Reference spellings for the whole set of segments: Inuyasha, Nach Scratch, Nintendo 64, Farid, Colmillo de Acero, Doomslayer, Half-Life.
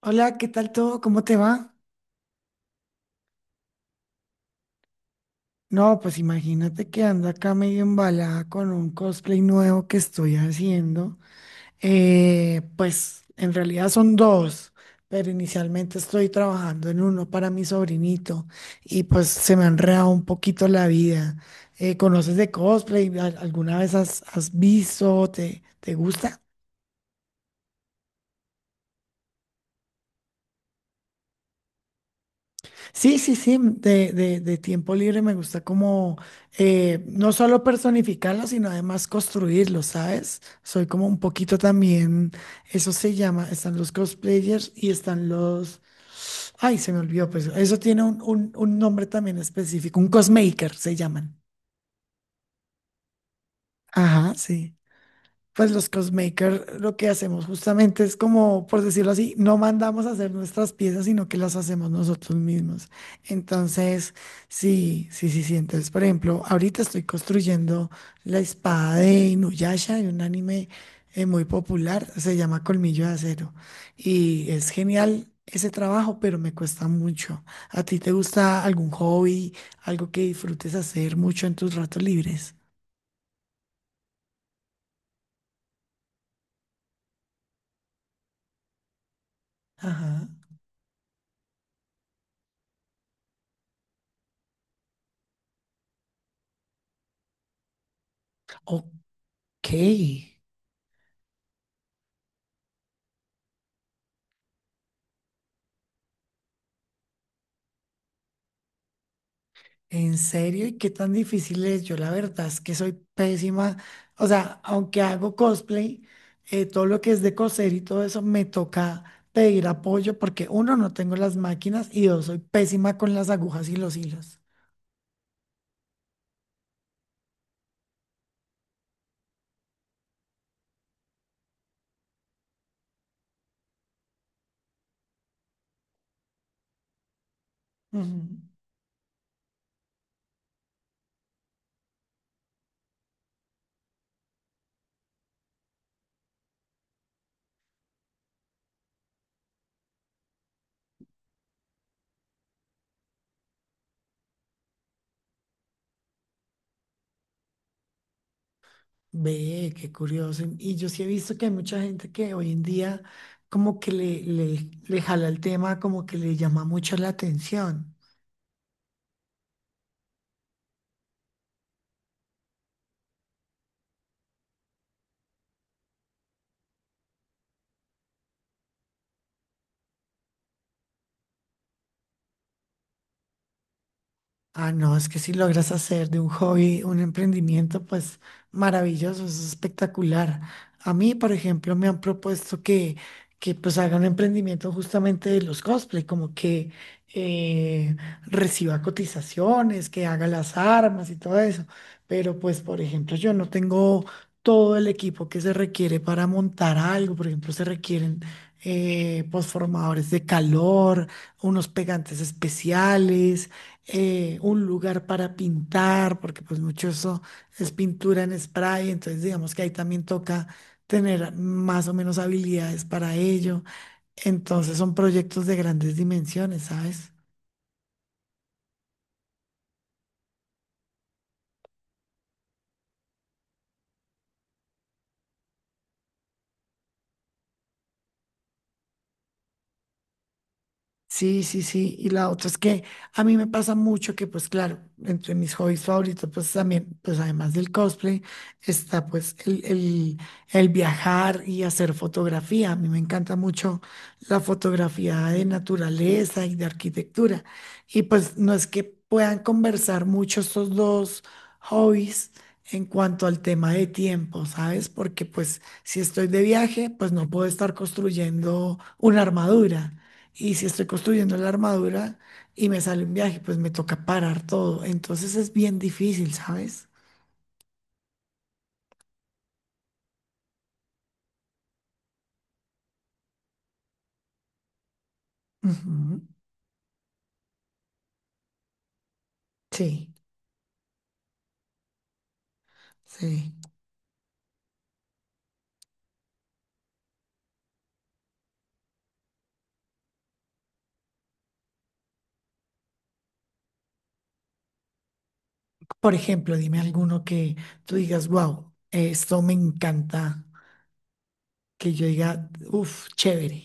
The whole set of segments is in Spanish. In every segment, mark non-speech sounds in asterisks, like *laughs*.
Hola, ¿qué tal todo? ¿Cómo te va? No, pues imagínate que ando acá medio embalada con un cosplay nuevo que estoy haciendo. Pues en realidad son dos, pero inicialmente estoy trabajando en uno para mi sobrinito y pues se me ha enredado un poquito la vida. ¿Conoces de cosplay? ¿Alguna vez has visto? ¿Te gusta? Sí, sí, sí, mm, de tiempo libre me gusta como no solo personificarlo, sino además construirlo, ¿sabes? Soy como un poquito también, eso se llama, están los cosplayers y están los, ay, se me olvidó, pues eso tiene un nombre también específico, un cosmaker se llaman. Ajá, sí. Pues los cosmakers lo que hacemos justamente es como, por decirlo así, no mandamos a hacer nuestras piezas, sino que las hacemos nosotros mismos. Entonces, sí, sí, sí, sí. Entonces, por ejemplo, ahorita estoy construyendo la espada de Inuyasha, de un anime muy popular, se llama Colmillo de Acero. Y es genial ese trabajo, pero me cuesta mucho. ¿A ti te gusta algún hobby, algo que disfrutes hacer mucho en tus ratos libres? Ajá. Ok. ¿En serio? ¿Y qué tan difícil es? Yo la verdad es que soy pésima. O sea, aunque hago cosplay, todo lo que es de coser y todo eso, me toca pedir apoyo porque uno, no tengo las máquinas y dos, soy pésima con las agujas y los hilos. Ujú. Ve, qué curioso. Y yo sí he visto que hay mucha gente que hoy en día como que le jala el tema, como que le llama mucho la atención. Ah, no, es que si logras hacer de un hobby un emprendimiento, pues maravilloso, es espectacular. A mí, por ejemplo, me han propuesto que pues haga un emprendimiento justamente de los cosplay, como que eh, reciba cotizaciones, que haga las armas y todo eso. Pero pues, por ejemplo, yo no tengo todo el equipo que se requiere para montar algo. Por ejemplo, se requieren pues, formadores de calor, unos pegantes especiales un lugar para pintar, porque pues mucho eso es pintura en spray, entonces digamos que ahí también toca tener más o menos habilidades para ello. Entonces son proyectos de grandes dimensiones, ¿sabes? Sí, sí, sí. Y la otra es que a mí me pasa mucho que, pues claro, entre mis hobbies favoritos, pues también, pues además del cosplay, está pues el viajar y hacer fotografía. A mí me encanta mucho la fotografía de naturaleza y de arquitectura. Y pues no es que puedan conversar mucho estos dos hobbies en cuanto al tema de tiempo, ¿sabes? Porque pues si estoy de viaje, pues no puedo estar construyendo una armadura. Y si estoy construyendo la armadura y me sale un viaje, pues me toca parar todo. Entonces es bien difícil, ¿sabes? Ujú. Sí, sí. Por ejemplo, dime alguno que tú digas, wow, esto me encanta. Que yo diga, uff, chévere.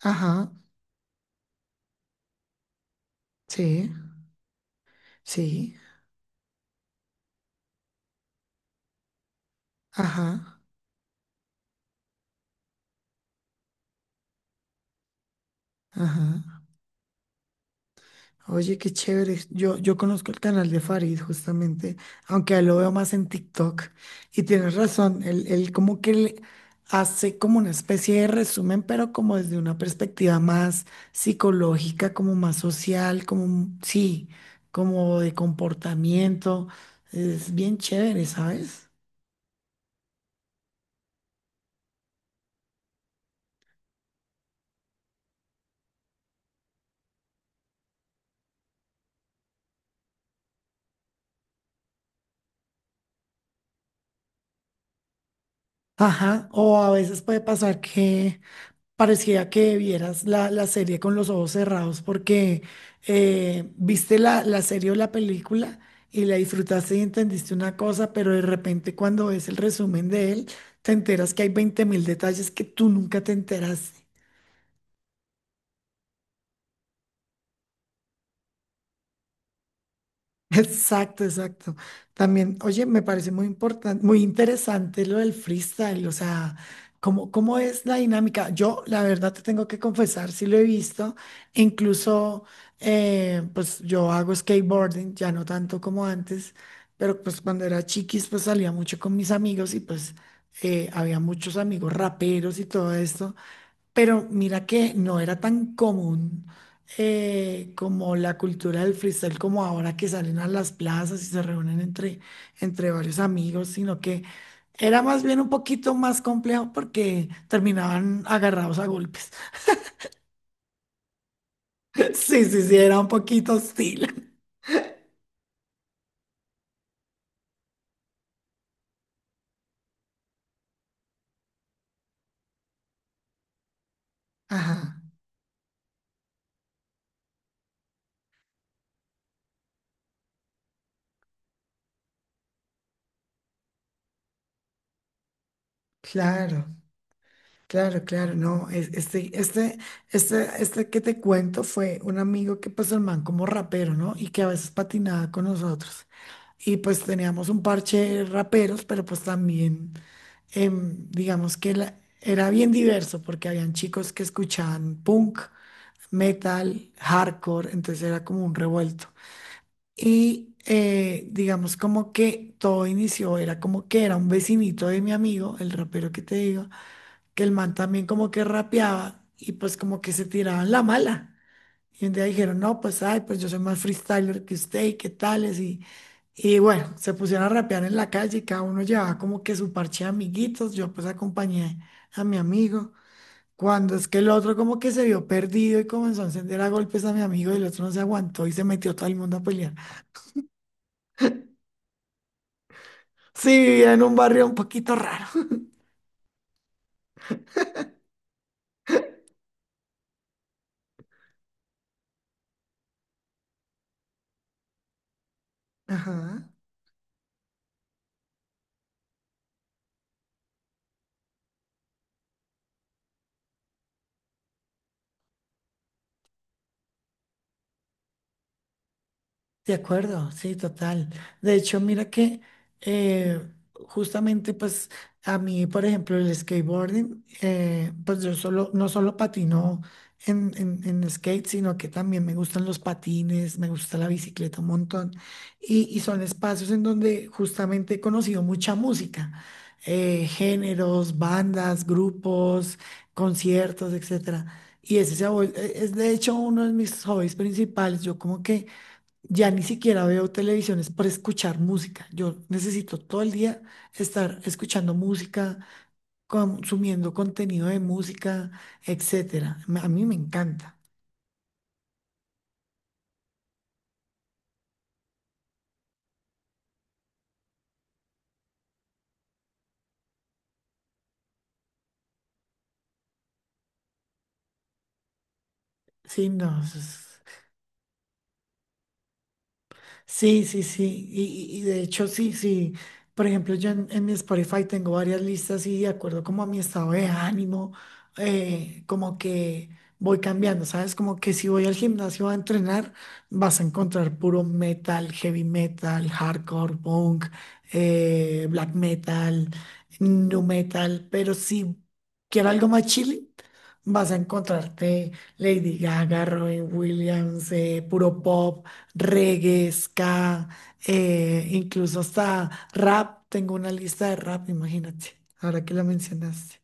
Ajá, sí, sí, ajá, ajá. Oye, qué chévere. Yo conozco el canal de Farid justamente, aunque a él lo veo más en TikTok. Y tienes razón, él como que le hace como una especie de resumen, pero como desde una perspectiva más psicológica, como más social, como, un- sí, como de comportamiento. Es bien chévere, ¿sabes? Ajá. O a veces puede pasar que parecía que vieras la serie con los ojos cerrados porque viste la serie o la película y la disfrutaste y entendiste una cosa, pero de repente cuando ves el resumen de él, te enteras que hay 20 mil detalles que tú nunca te enteraste. Exacto, exacto. También, oye, me parece muy importante, muy interesante lo del freestyle, o sea, ¿cómo es la dinámica? Yo, la verdad, te tengo que confesar, sí lo he visto, incluso, pues yo hago skateboarding, ya no tanto como antes, pero pues cuando era chiquis, pues salía mucho con mis amigos y pues había muchos amigos raperos y todo esto. Pero mira que no era tan común como la cultura del freestyle, como ahora que salen a las plazas y se reúnen entre varios amigos, sino que era más bien un poquito más complejo porque terminaban agarrados a golpes. *laughs* Sí, sí, sí, era un poquito hostil. Ajá, claro, claro, claro, no, este que te cuento fue un amigo que pues el man como rapero, ¿no? Y que a veces patinaba con nosotros. Y pues teníamos un parche de raperos, pero pues también digamos que era bien diverso porque habían chicos que escuchaban punk, metal, hardcore, entonces era como un revuelto. Y digamos como que todo inició, era como que era un vecinito de mi amigo, el rapero que te digo, que el man también como que rapeaba y pues como que se tiraban la mala. Y un día dijeron, no, pues, ay, pues yo soy más freestyler que usted y qué tales. Y bueno, se pusieron a rapear en la calle y cada uno llevaba como que su parche de amiguitos. Yo pues acompañé a mi amigo. Cuando es que el otro como que se vio perdido y comenzó a encender a golpes a mi amigo y el otro no se aguantó y se metió todo el mundo a pelear. Sí, vivía en un barrio un poquito raro. *laughs* Ajá. De acuerdo, sí, total. De hecho, mira que eh, justamente pues a mí, por ejemplo, el skateboarding, pues yo solo, no solo patino en skate, sino que también me gustan los patines, me gusta la bicicleta un montón. Y son espacios en donde justamente he conocido mucha música, géneros, bandas, grupos, conciertos, etcétera. Y ese se ha vuel- e- es de hecho uno de mis hobbies principales. Yo como que ya ni siquiera veo televisiones para escuchar música. Yo necesito todo el día estar escuchando música, consumiendo contenido de música, etcétera. A mí me encanta. Sí, no, eso es sí, sí, sí. Y de hecho, sí, sí. Por ejemplo, yo en mi Spotify tengo varias listas y de acuerdo como a mi estado de ánimo, como que voy cambiando, ¿sabes? Como que si voy al gimnasio a entrenar, vas a encontrar puro metal, heavy metal, hardcore, punk, black metal, nu metal. Pero si quiero algo más chile, vas a encontrarte Lady Gaga, Robin Williams, puro pop reggae, ska, incluso hasta rap. Tengo una lista de rap, imagínate, ahora que la mencionaste.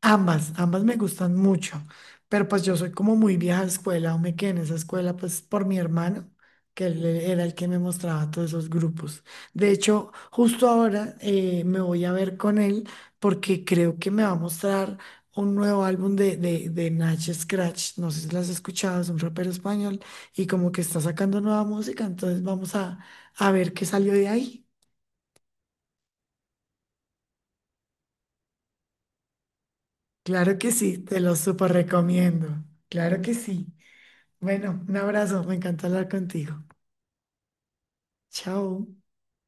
Ambas, ambas me gustan mucho, pero pues yo soy como muy vieja escuela, o me quedé en esa escuela pues por mi hermano, que era el que me mostraba todos esos grupos. De hecho, justo ahora me voy a ver con él porque creo que me va a mostrar un nuevo álbum de Nach Scratch, no sé si lo has escuchado, es un rapero español y como que está sacando nueva música, entonces vamos a ver qué salió de ahí. Claro que sí, te lo súper recomiendo, claro que sí. Bueno, un abrazo, me encanta hablar contigo. Chao.